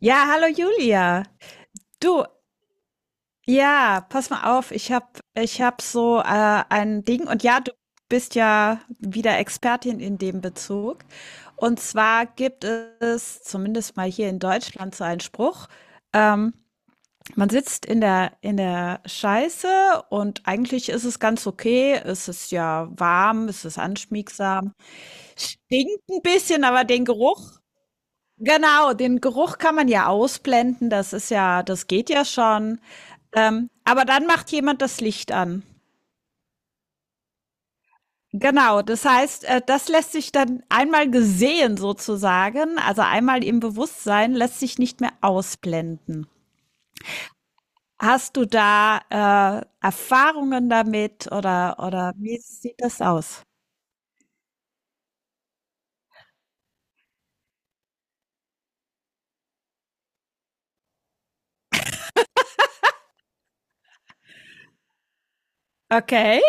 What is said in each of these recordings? Ja, hallo Julia. Du, ja, pass mal auf, ich hab so ein Ding und ja, du bist ja wieder Expertin in dem Bezug. Und zwar gibt es zumindest mal hier in Deutschland so einen Spruch, ähm, man sitzt in der Scheiße und eigentlich ist es ganz okay. Es ist ja warm, es ist anschmiegsam, stinkt ein bisschen, aber den Geruch. Genau, den Geruch kann man ja ausblenden, das geht ja schon. Aber dann macht jemand das Licht an. Genau, das heißt, das lässt sich dann einmal gesehen sozusagen, also einmal im Bewusstsein, lässt sich nicht mehr ausblenden. Hast du da Erfahrungen damit oder wie sieht das aus? Okay,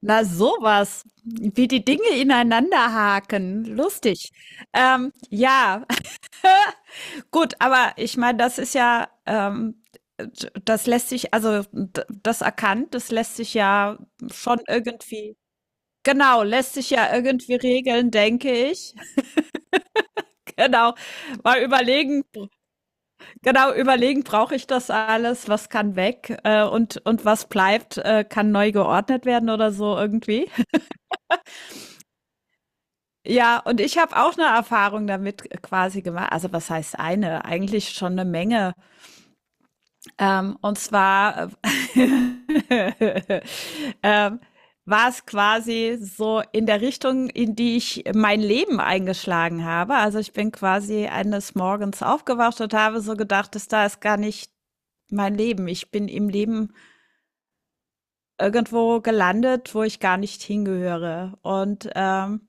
na sowas, wie die Dinge ineinander haken, lustig. Ähm, ja, Gut, aber ich meine, das lässt sich, also das erkannt, das lässt sich ja schon irgendwie, genau, lässt sich ja irgendwie regeln, denke ich. Genau, mal überlegen, genau, überlegen, brauche ich das alles, was kann weg und was bleibt, kann neu geordnet werden oder so irgendwie. Ja, und ich habe auch eine Erfahrung damit quasi gemacht. Also was heißt eine? Eigentlich schon eine Menge. Und zwar äh, ähm, war es quasi so in der Richtung, in die ich mein Leben eingeschlagen habe. Also ich bin quasi eines Morgens aufgewacht und habe so gedacht, das da ist gar nicht mein Leben. Ich bin im Leben irgendwo gelandet, wo ich gar nicht hingehöre.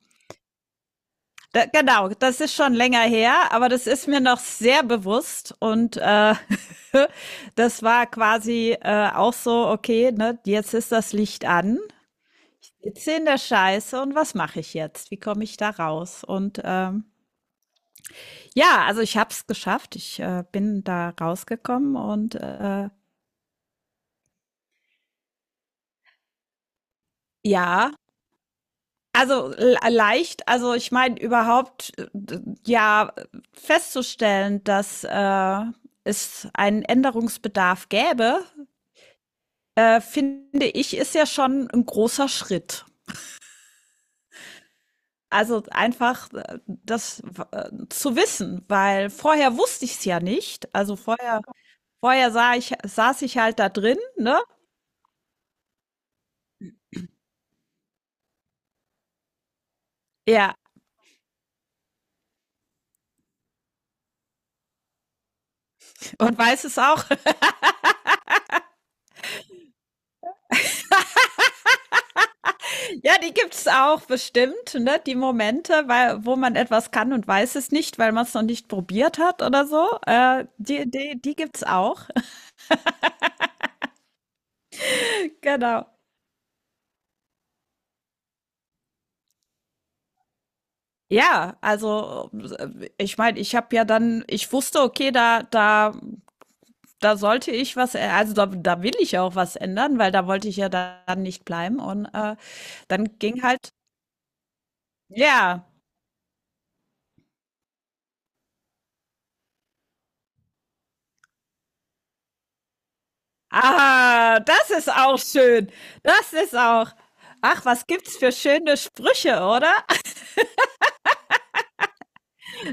Da, genau, das ist schon länger her, aber das ist mir noch sehr bewusst und das war quasi auch so, okay, ne, jetzt ist das Licht an, ich sitze in der Scheiße und was mache ich jetzt? Wie komme ich da raus? Ja, also ich habe es geschafft, ich bin da rausgekommen und ja. Also, l leicht also, ich meine überhaupt, d ja, festzustellen, dass es einen Änderungsbedarf gäbe, finde ich, ist ja schon ein großer Schritt. Also, einfach, das zu wissen, weil vorher wusste ich es ja nicht. Also, vorher sah ich saß ich halt da drin, ne? Ja, und weiß es auch. Ja, die gibt's auch bestimmt, ne? Die Momente, weil, wo man etwas kann und weiß es nicht, weil man es noch nicht probiert hat oder so. Die gibt's auch. Genau. Ja, also ich meine, ich habe ja dann, ich wusste, okay, da sollte ich was, also da will ich auch was ändern, weil da wollte ich ja dann nicht bleiben. Dann ging halt, ja. Ah, das ist auch schön. Das ist auch. Ach, was gibt's für schöne Sprüche, oder?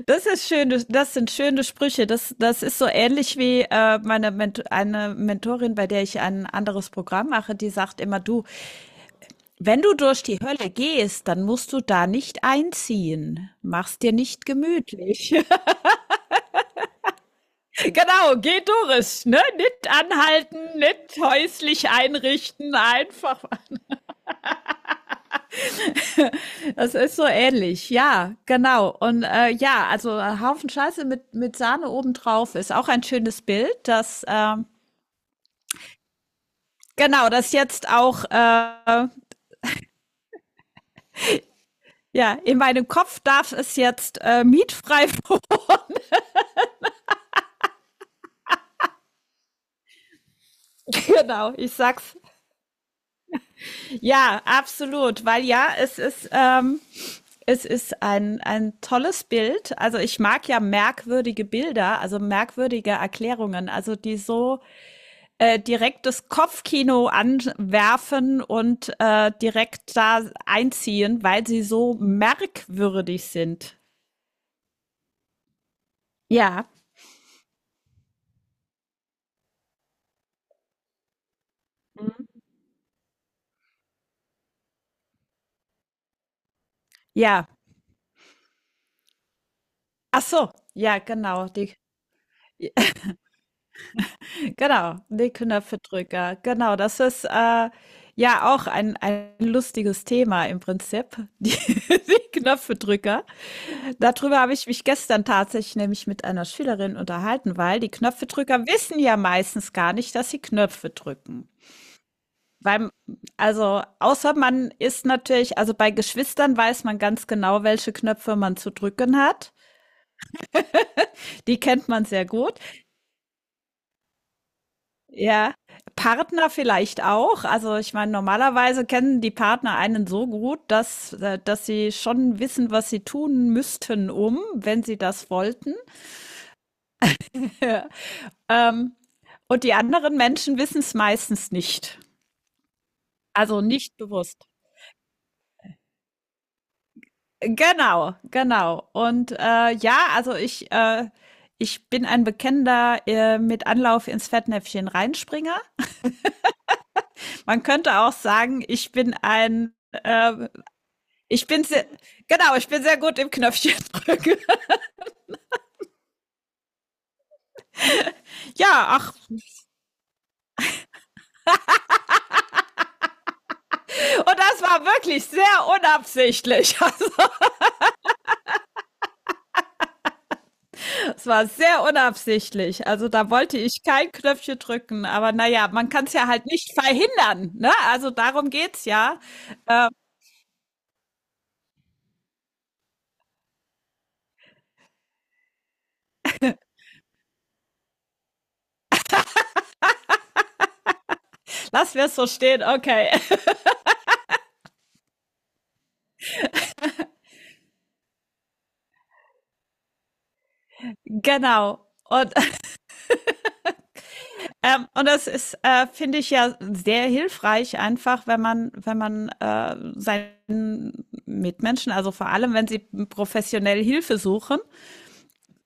Das ist schön, das, das sind schöne Sprüche. Das, das ist so ähnlich wie meine Ment eine Mentorin, bei der ich ein anderes Programm mache, die sagt immer, du, wenn du durch die Hölle gehst, dann musst du da nicht einziehen. Mach's dir nicht gemütlich. Genau, geh durch, ne? Nicht anhalten, nicht häuslich einrichten, einfach. Das ist so ähnlich, ja, genau. Und ja, also ein Haufen Scheiße mit Sahne obendrauf ist auch ein schönes Bild, das. Genau, das jetzt auch, ja, in meinem Kopf darf es jetzt mietfrei wohnen. Genau, ich sag's. Ja, absolut, weil ja, es ist ein tolles Bild. Also ich mag ja merkwürdige Bilder, also merkwürdige Erklärungen, also die so direkt das Kopfkino anwerfen und direkt da einziehen, weil sie so merkwürdig sind. Ja, ja. Ach so, ja, genau. Die. Ja, genau, die Knöpfedrücker. Genau, das ist, ja auch ein lustiges Thema im Prinzip, die die Knöpfedrücker. Dadrüber habe ich mich gestern tatsächlich nämlich mit einer Schülerin unterhalten, weil die Knöpfedrücker wissen ja meistens gar nicht, dass sie Knöpfe drücken. Weil Also, außer man ist natürlich also, bei Geschwistern weiß man ganz genau, welche Knöpfe man zu drücken hat. Die kennt man sehr gut. Ja, Partner vielleicht auch. Also ich meine, normalerweise kennen die Partner einen so gut, dass sie schon wissen, was sie tun müssten, um, wenn sie das wollten. Ja. Ähm, und die anderen Menschen wissen es meistens nicht. Also nicht bewusst. Genau, genau. Und ja, also ich bin ein bekennender mit Anlauf ins Fettnäpfchen reinspringer. Man könnte auch sagen, ich bin ein ich bin sehr, genau, ich bin sehr gut im Knöpfchen drücken. Ja, ach. Und das war wirklich sehr unabsichtlich. Also, es war sehr unabsichtlich. Also, da wollte ich kein Knöpfchen drücken. Aber naja, man kann es ja halt nicht verhindern, ne? Also, darum geht's ja. Lass wir es so stehen. Okay. Genau. Und und das ist, finde ich ja sehr hilfreich, einfach, wenn man seinen Mitmenschen, also vor allem, wenn sie professionell Hilfe suchen,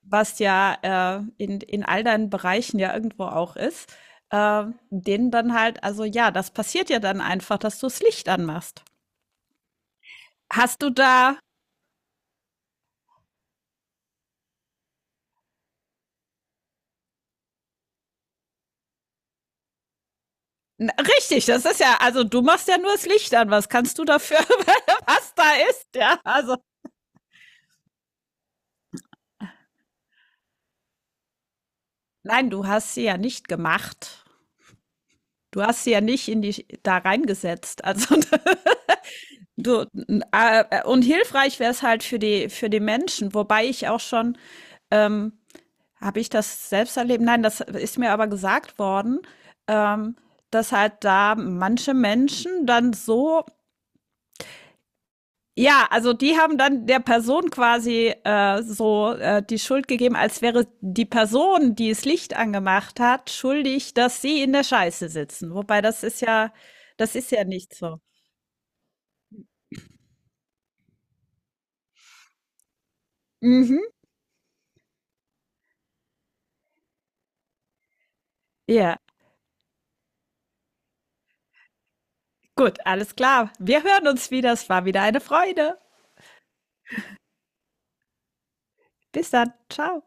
was ja in all deinen Bereichen ja irgendwo auch ist, äh, denen dann halt, also ja, das passiert ja dann einfach, dass du das Licht anmachst. Hast du da. Na, richtig, das ist ja, also du machst ja nur das Licht an. Was kannst du dafür, was da ist? Ja, also. Nein, du hast sie ja nicht gemacht. Du hast sie ja nicht in die da reingesetzt. Also du und hilfreich wäre es halt für die Menschen, wobei ich auch schon ähm, habe ich das selbst erlebt? Nein, das ist mir aber gesagt worden, ähm, dass halt da manche Menschen dann so ja, also die haben dann der Person quasi so die Schuld gegeben, als wäre die Person, die das Licht angemacht hat, schuldig, dass sie in der Scheiße sitzen. Wobei das ist ja nicht so. Mhm. Ja, gut, alles klar. Wir hören uns wieder. Es war wieder eine Freude. Bis dann. Ciao.